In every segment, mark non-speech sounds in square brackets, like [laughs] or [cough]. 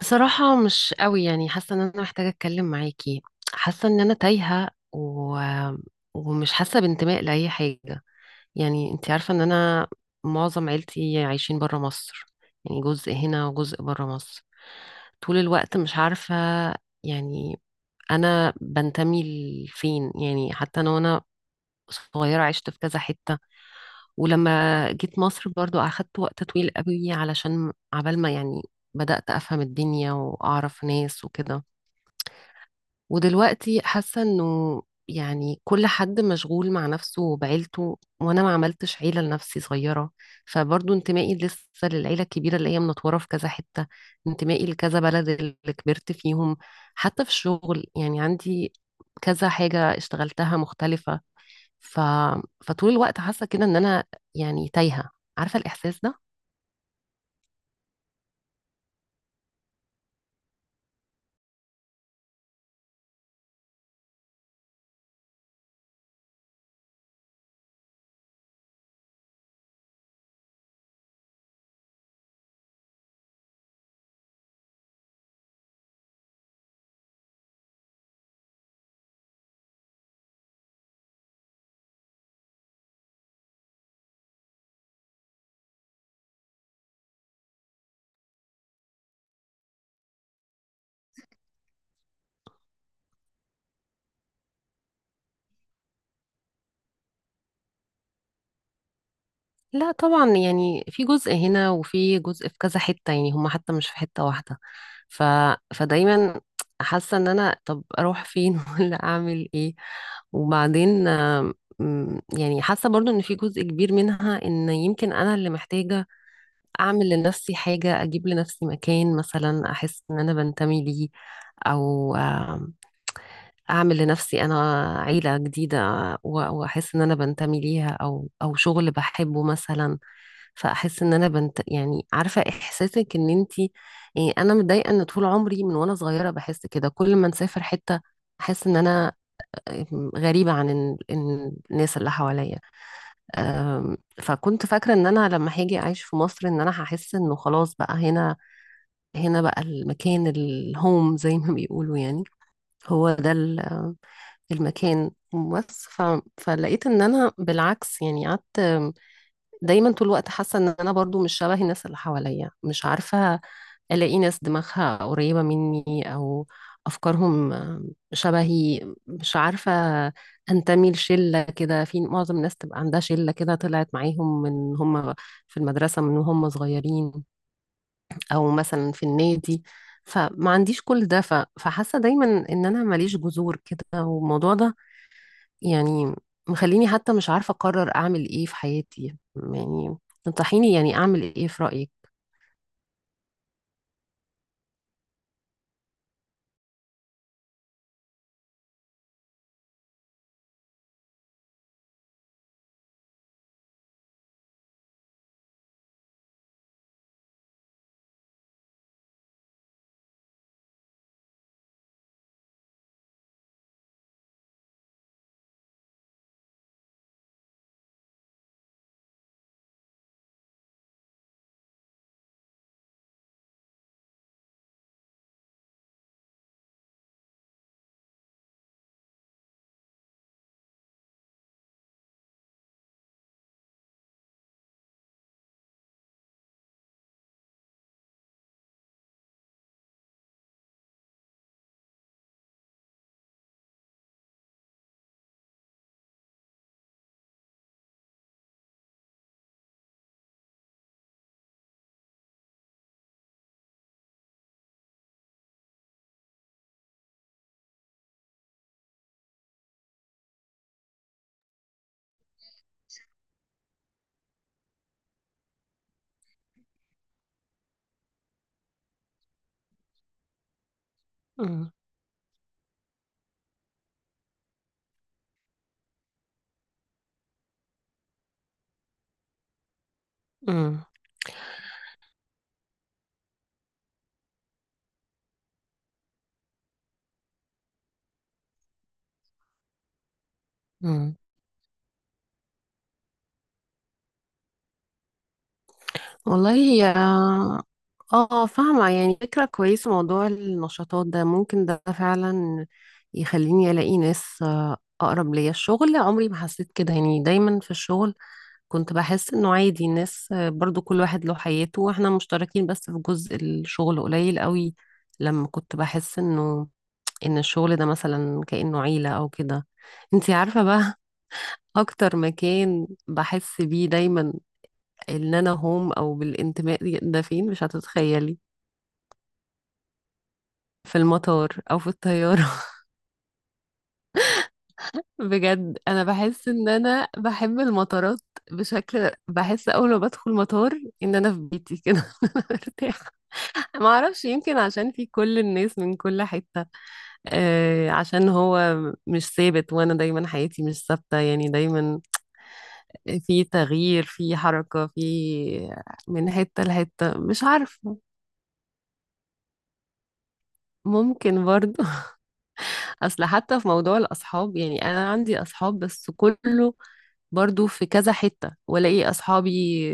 بصراحة، مش قوي، يعني حاسة ان انا محتاجة اتكلم معاكي. حاسة ان انا تايهة. ومش حاسة بانتماء لأي حاجة. يعني انتي عارفة ان انا معظم عيلتي عايشين برا مصر، يعني جزء هنا وجزء برا مصر. طول الوقت مش عارفة يعني انا بنتمي لفين، يعني حتى انا وانا صغيرة عشت في كذا حتة. ولما جيت مصر برضو أخدت وقت طويل قوي علشان عبال ما يعني بدأت أفهم الدنيا وأعرف ناس وكده. ودلوقتي حاسة إنه يعني كل حد مشغول مع نفسه وبعيلته، وأنا ما عملتش عيلة لنفسي صغيرة. فبرضو انتمائي لسه للعيلة الكبيرة اللي هي منطورة في كذا حتة، انتمائي لكذا بلد اللي كبرت فيهم. حتى في الشغل يعني عندي كذا حاجة اشتغلتها مختلفة. ف... فطول الوقت حاسه كده ان انا يعني تايهه، عارفه الاحساس ده. لا طبعا، يعني في جزء هنا وفي جزء في كذا حته، يعني هم حتى مش في حته واحده. ف... فدايما حاسه ان انا طب اروح فين [laughs] ولا اعمل ايه. وبعدين آم، م، يعني حاسه برضو ان في جزء كبير منها ان يمكن انا اللي محتاجه اعمل لنفسي حاجه، اجيب لنفسي مكان مثلا احس ان انا بنتمي ليه، او اعمل لنفسي انا عيله جديده واحس ان انا بنتمي ليها، او شغل بحبه مثلا. فاحس ان انا بنت يعني عارفه احساسك ان انتي إيه. انا متضايقه ان طول عمري من وانا صغيره بحس كده، كل ما نسافر حته احس ان انا غريبه عن الناس اللي حواليا. فكنت فاكره ان انا لما هاجي اعيش في مصر ان انا هحس انه خلاص بقى هنا، هنا بقى المكان الهوم [laughs] زي ما بيقولوا، يعني هو ده المكان. بس فلقيت ان انا بالعكس، يعني قعدت دايما طول الوقت حاسه ان انا برضو مش شبه الناس اللي حواليا. مش عارفه الاقي ناس دماغها قريبه مني او افكارهم شبهي. مش عارفه انتمي لشله كده، في معظم الناس تبقى عندها شله كده طلعت معاهم من هم في المدرسه، من هم صغيرين، او مثلا في النادي. فما عنديش كل ده، فحاسه دايما ان انا ماليش جذور كده. والموضوع ده يعني مخليني حتى مش عارفة أقرر أعمل إيه في حياتي. يعني تنصحيني يعني أعمل إيه في رأيك؟ مم. مم. مم. والله هي اه، فاهمة. يعني فكرة كويسة موضوع النشاطات ده، ممكن ده فعلا يخليني ألاقي ناس أقرب ليا. الشغل عمري ما حسيت كده، يعني دايما في الشغل كنت بحس إنه عادي، الناس برضو كل واحد له حياته وإحنا مشتركين بس في جزء الشغل قليل قوي. لما كنت بحس إنه ان الشغل ده مثلا كأنه عيلة او كده. انتي عارفة بقى [laughs] اكتر مكان بحس بيه دايما ان انا هوم او بالانتماء، ده فين؟ مش هتتخيلي. في المطار او في الطيارة [laughs] بجد انا بحس ان انا بحب المطارات. بشكل بحس اول ما بدخل مطار ان انا في بيتي كده [laughs] أنا مرتاحة. ما اعرفش، يمكن عشان في كل الناس من كل حتة. آه، عشان هو مش ثابت، وانا دايما حياتي مش ثابتة، يعني دايما في تغيير، في حركة، في من حتة لحتة، مش عارفة. ممكن برضو [laughs] أصل حتى في موضوع الأصحاب، يعني أنا عندي أصحاب بس كله برضو في كذا حتة، والاقي اصحابي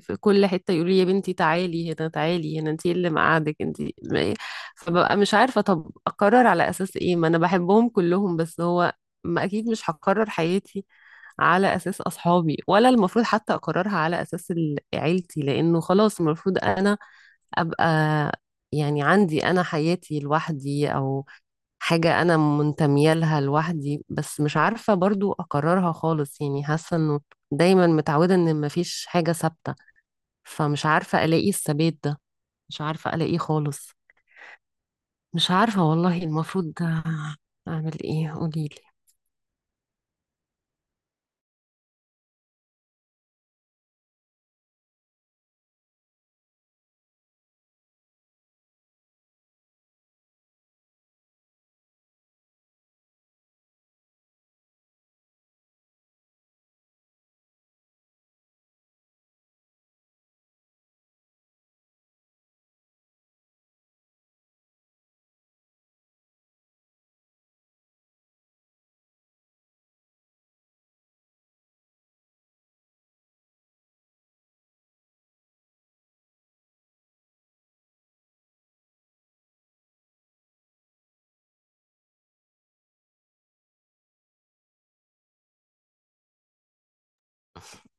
في كل حتة يقولوا لي يا بنتي تعالي هنا تعالي هنا انتي اللي مقعدك انتي فببقى مش عارفة طب اقرر على اساس ايه، ما انا بحبهم كلهم. بس هو ما اكيد مش هقرر حياتي على أساس أصحابي، ولا المفروض حتى أقررها على أساس عيلتي، لأنه خلاص المفروض أنا أبقى يعني عندي أنا حياتي لوحدي، أو حاجة أنا منتمية لها لوحدي. بس مش عارفة برضو أقررها خالص، يعني حاسة إنه دايما متعودة إن مفيش حاجة ثابتة. فمش عارفة ألاقي الثبات ده، مش عارفة ألاقيه خالص. مش عارفة والله المفروض أعمل إيه، قوليلي؟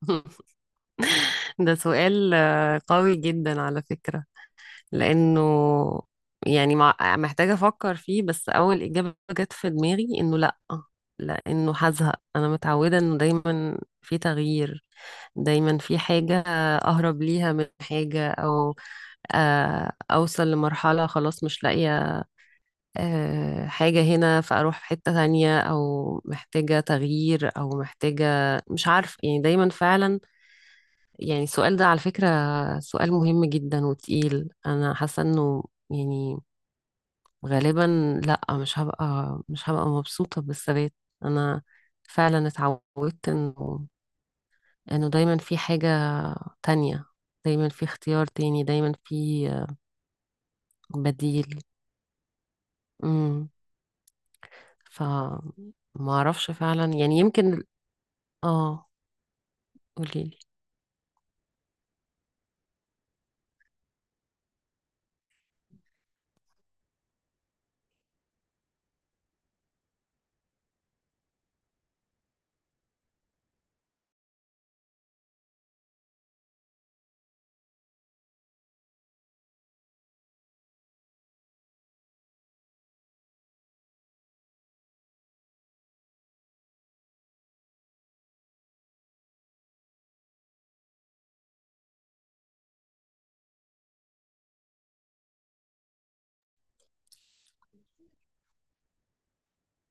[laughs] ده سؤال قوي جدا على فكرة. لانه يعني محتاجة افكر فيه. بس اول اجابة جت في دماغي انه لا، لانه هزهق. انا متعودة انه دايما في تغيير، دايما في حاجة اهرب ليها من حاجة، او اوصل لمرحلة خلاص مش لاقية حاجة هنا فاروح في حتة تانية، او محتاجة تغيير، او محتاجة مش عارف يعني. دايما فعلا يعني السؤال ده على فكرة سؤال مهم جدا وتقيل. انا حاسة انه يعني غالبا لا، مش هبقى مبسوطة بالثبات. انا فعلا اتعودت انه دايما في حاجة تانية، دايما في اختيار تاني، دايما في بديل. امم ف ما اعرفش فعلا، يعني يمكن. اه، قوليلي.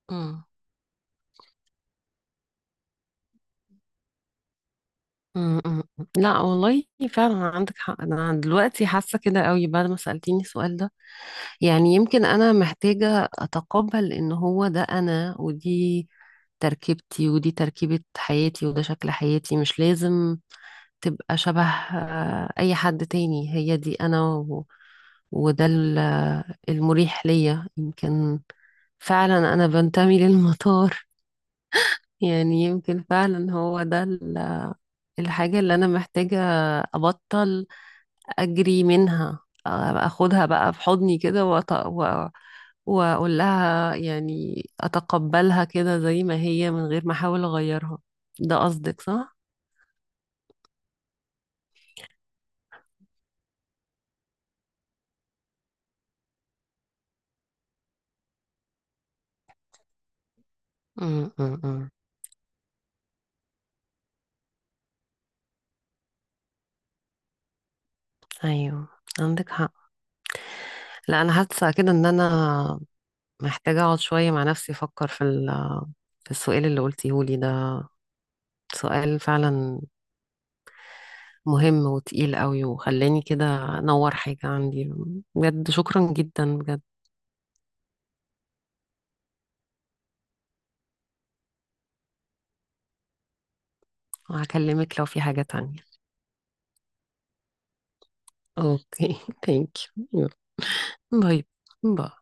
امم، أمم، أمم. لا والله، فعلا عندك حق. انا دلوقتي حاسة كده قوي بعد ما سألتيني السؤال ده. يعني يمكن أنا محتاجة أتقبل إن هو ده أنا، ودي تركيبتي، ودي تركيبة حياتي، وده شكل حياتي. مش لازم تبقى شبه أي حد تاني. هي دي أنا. وده المريح ليا يمكن. فعلا أنا بنتمي للمطار [laughs] يعني يمكن فعلا هو ده الحاجة اللي أنا محتاجة أبطل اجري منها. آه، اخدها بقى في حضني كده واقول لها يعني اتقبلها كده زي ما هي من غير ما احاول اغيرها. ده قصدك صح؟ أم، أم، أم. ايوه، عندك حق. لا، انا حاسه كده ان انا محتاجه اقعد شويه مع نفسي، افكر في في السؤال اللي قلتيه لي ده. سؤال فعلا مهم وتقيل قوي، وخلاني كده انور حاجه عندي. بجد شكرا جدا، بجد. هكلمك لو في حاجه تانية. اوكي، ثانك يو. يلا، باي باي.